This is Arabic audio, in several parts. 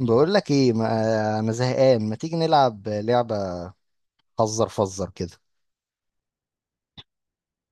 بقول لك ايه، ما انا زهقان، ما تيجي نلعب لعبة فزر فزر كده.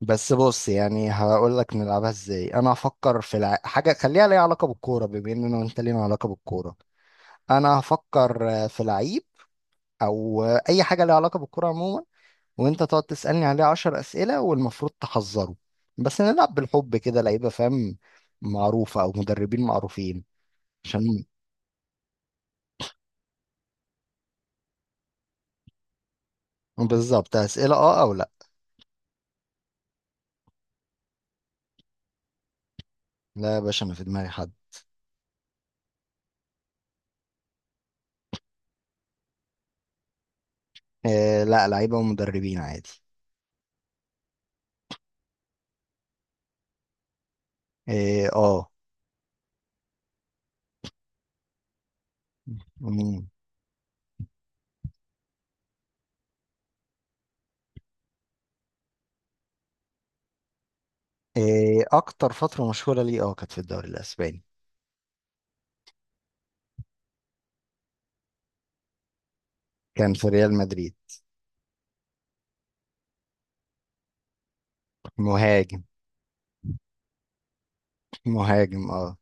بس بص، يعني هقول لك نلعبها ازاي. انا هفكر في حاجة خليها ليها علاقة بالكورة، بما ان انا وانت لينا علاقة بالكورة. انا هفكر في لعيب او اي حاجة ليها علاقة بالكورة عموما، وانت تقعد تسألني عليه عشر أسئلة والمفروض تحذره. بس نلعب بالحب كده، لعيبة فاهم؟ معروفة او مدربين معروفين. عشان بالظبط. أسئلة اه او لا. لا يا باشا، انا في دماغي حد. آه لا، لعيبة ومدربين عادي. اه آه. مم. آه، اكتر فترة مشهورة ليه اه كانت في الدوري الاسباني. كان في ريال مدريد. مهاجم. مهاجم اه.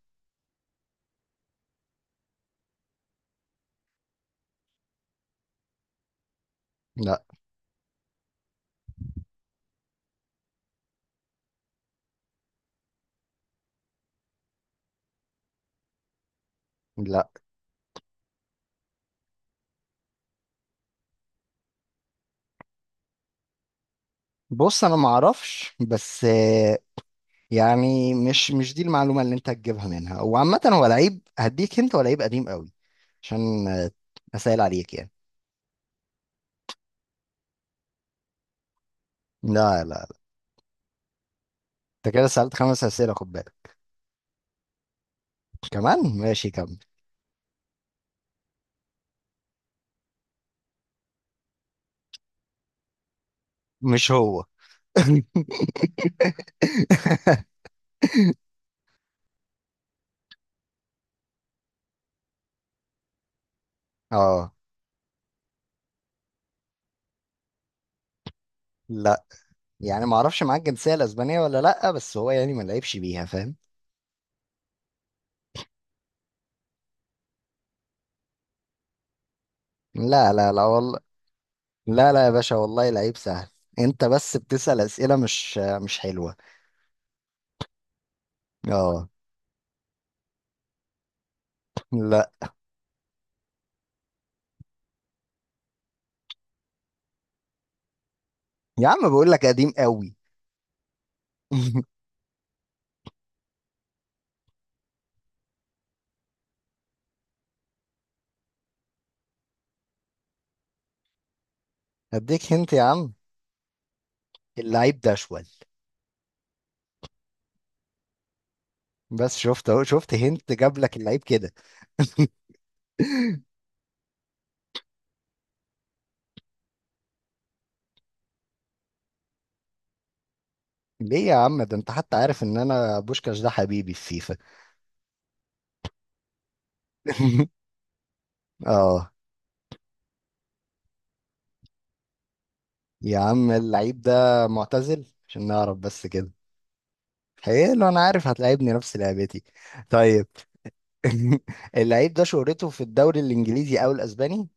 لا. لا، بص انا ما اعرفش، بس آه، يعني مش دي المعلومة اللي انت هتجيبها منها، وعامة هو لعيب هديك انت، هو لعيب قديم قوي. عشان اسهل عليك يعني. لا لا لا. انت كده سألت خمس اسئلة، خد بالك. كمان ماشي، كمل. مش هو. اه لا، يعني ما اعرفش معاه الجنسيه الاسبانيه ولا لا، بس هو يعني ما لعبش بيها فاهم. لا لا لا والله. لا لا يا باشا، والله لعيب سهل. انت بس بتسأل اسئله مش حلوه. اه. لا يا عم، بقول لك قديم قوي. اديك هنت يا عم. اللعيب ده اشول. بس شفت اهو، شفت هنت جاب لك اللعيب كده. ليه يا عم؟ ده انت حتى عارف ان انا بوشكاش ده حبيبي في فيفا. اه. يا عم اللعيب ده معتزل، عشان نعرف بس كده. حلو، انا عارف هتلاعبني نفس لعبتي. طيب. اللعيب ده شهرته في الدوري الانجليزي او الاسباني؟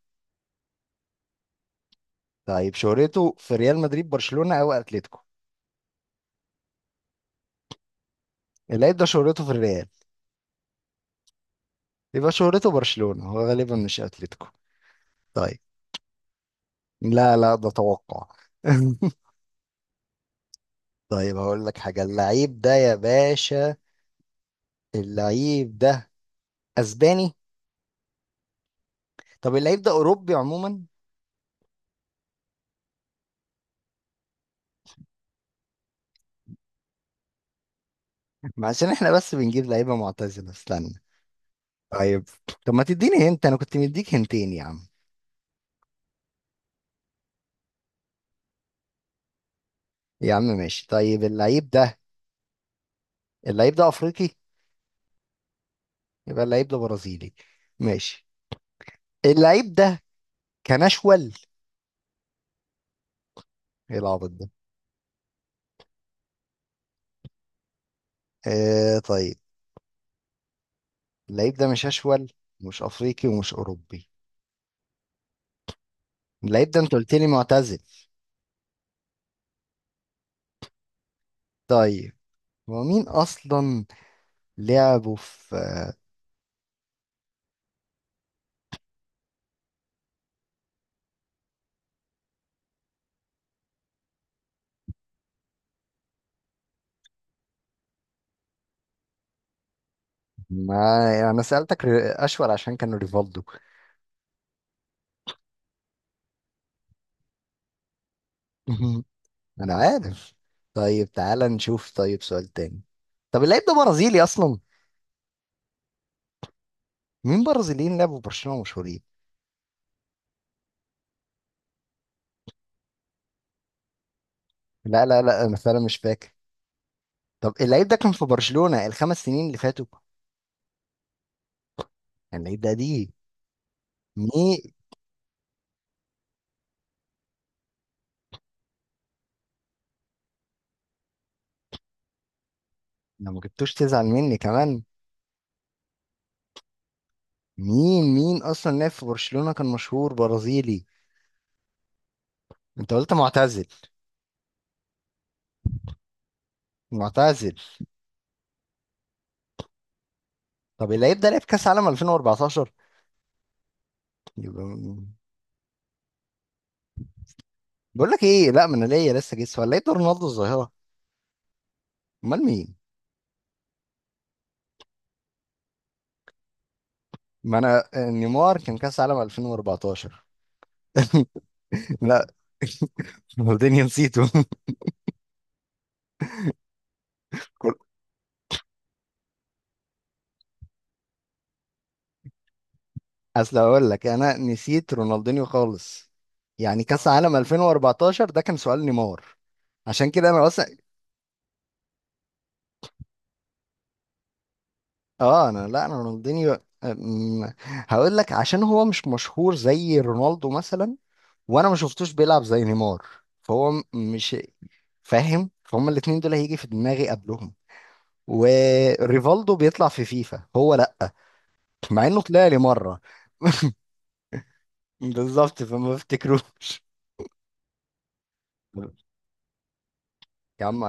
طيب، شهرته في ريال مدريد، برشلونة او اتلتيكو؟ اللعيب ده شهرته في الريال. يبقى شهرته برشلونة، هو غالبا مش اتلتيكو. طيب. لا لا، ده توقع. طيب هقول لك حاجة، اللعيب ده يا باشا، اللعيب ده اسباني؟ طب اللعيب ده اوروبي عموما؟ ما عشان احنا بس بنجيب لعيبة معتزلة، استنى. طيب. طب ما تديني هنت، انا كنت مديك هنتين يا عم. يا عم ماشي. طيب اللعيب ده، اللعيب ده افريقي؟ يبقى اللعيب ده برازيلي. ماشي. اللعيب ده كان اشول؟ ايه العبط ده؟ آه طيب. اللعيب ده مش اشول، مش افريقي ومش اوروبي. اللعيب ده انت قلت لي معتزل. طيب. هو مين اصلا؟ لعبه في. ما يعني انا سألتك اشول عشان كان ريفالدو. انا عارف. طيب تعالى نشوف، طيب سؤال تاني. طب اللعيب ده برازيلي اصلا. مين برازيليين لعبوا في برشلونة مشهورين؟ لا لا لا، انا فعلا مش فاكر. طب اللعيب ده كان في برشلونة الخمس سنين اللي فاتوا؟ كان اللعيب ده دي؟ مين؟ لو ما جبتوش تزعل مني كمان. مين مين اصلا لعب في برشلونة كان مشهور برازيلي؟ انت قلت معتزل. معتزل. طب اللعيب ده لعب كاس عالم 2014؟ يبقى بقول لك ايه، لا ما انا ليا لسه جيس، ولا اللعيب ده رونالدو الظاهرة؟ امال مين؟ ما انا نيمار كان كاس عالم 2014. لا، رونالدينيو نسيته. اصل اقول لك انا نسيت رونالدينيو خالص، يعني كاس عالم 2014 ده كان سؤال نيمار، عشان كده انا اصلا. اه انا، لا انا رونالدينيو، هقول لك عشان هو مش مشهور زي رونالدو مثلا، وانا ما شفتوش بيلعب زي نيمار، مش فاهم. فهم الاتنين دول هيجي في دماغي قبلهم، وريفالدو بيطلع في فيفا هو لا، مع انه طلع لي مره. بالظبط، فما افتكروش. يا عم،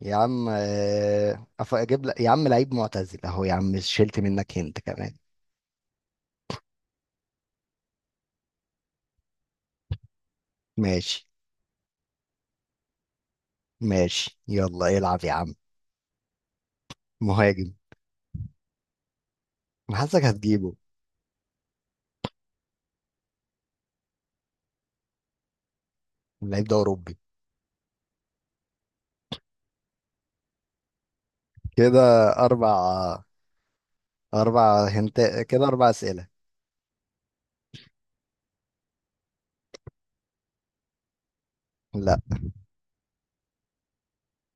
يا عم اجيب لك يا عم لعيب معتزل اهو يا عم، شلت منك هنت كمان. ماشي. ماشي يلا العب يا عم. مهاجم. أنا حاسسك هتجيبه. اللعيب ده اوروبي. كده اربع، اربع هنت، كده اربع اسئله. لا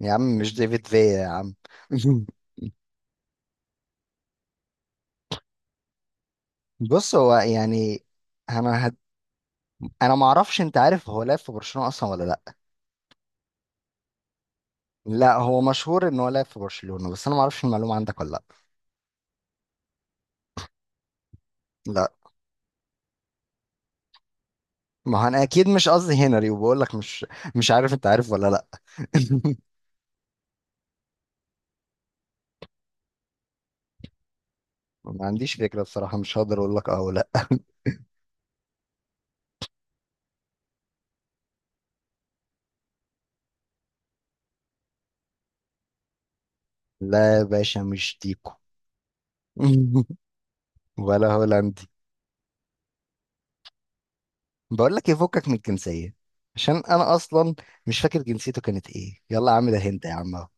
يا عم، مش ديفيد فيا يا عم. بص هو يعني، انا انا ما اعرفش انت عارف هو لعب في برشلونه اصلا ولا لا. لا هو مشهور ان هو لعب في برشلونه، بس انا ما اعرفش المعلومه عندك ولا لا. لا. ما هو انا اكيد مش قصدي هنري، وبقول لك مش مش عارف انت عارف ولا لا. ما عنديش فكرة بصراحة، مش هقدر اقول لك اه ولا لا. يا باشا مش ديكو. ولا هولندي. بقول لك يفكك من الجنسية، عشان انا اصلا مش فاكر جنسيته كانت ايه. يلا يا عم، ده هنت يا عم اهو.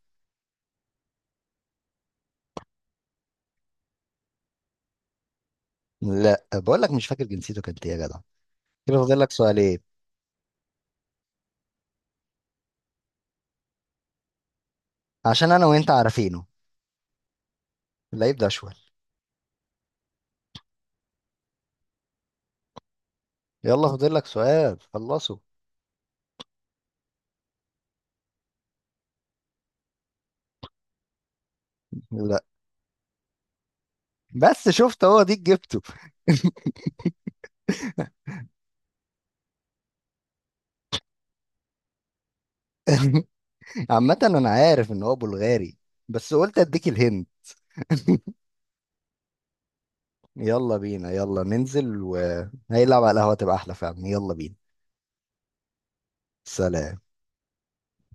لا بقول لك مش فاكر جنسيته كانت ايه يا جدع. كده فاضل لك سؤالين. عشان انا وانت عارفينه. اللعيب ده اشول. يلا فاضل لك سؤال، خلصه. لا. بس شفت، هو ديك جبته. عامة انا عارف ان هو بلغاري، بس قلت اديك الهند. يلا بينا، يلا ننزل وهيلعب على القهوة تبقى احلى فعلا. يلا بينا. سلام.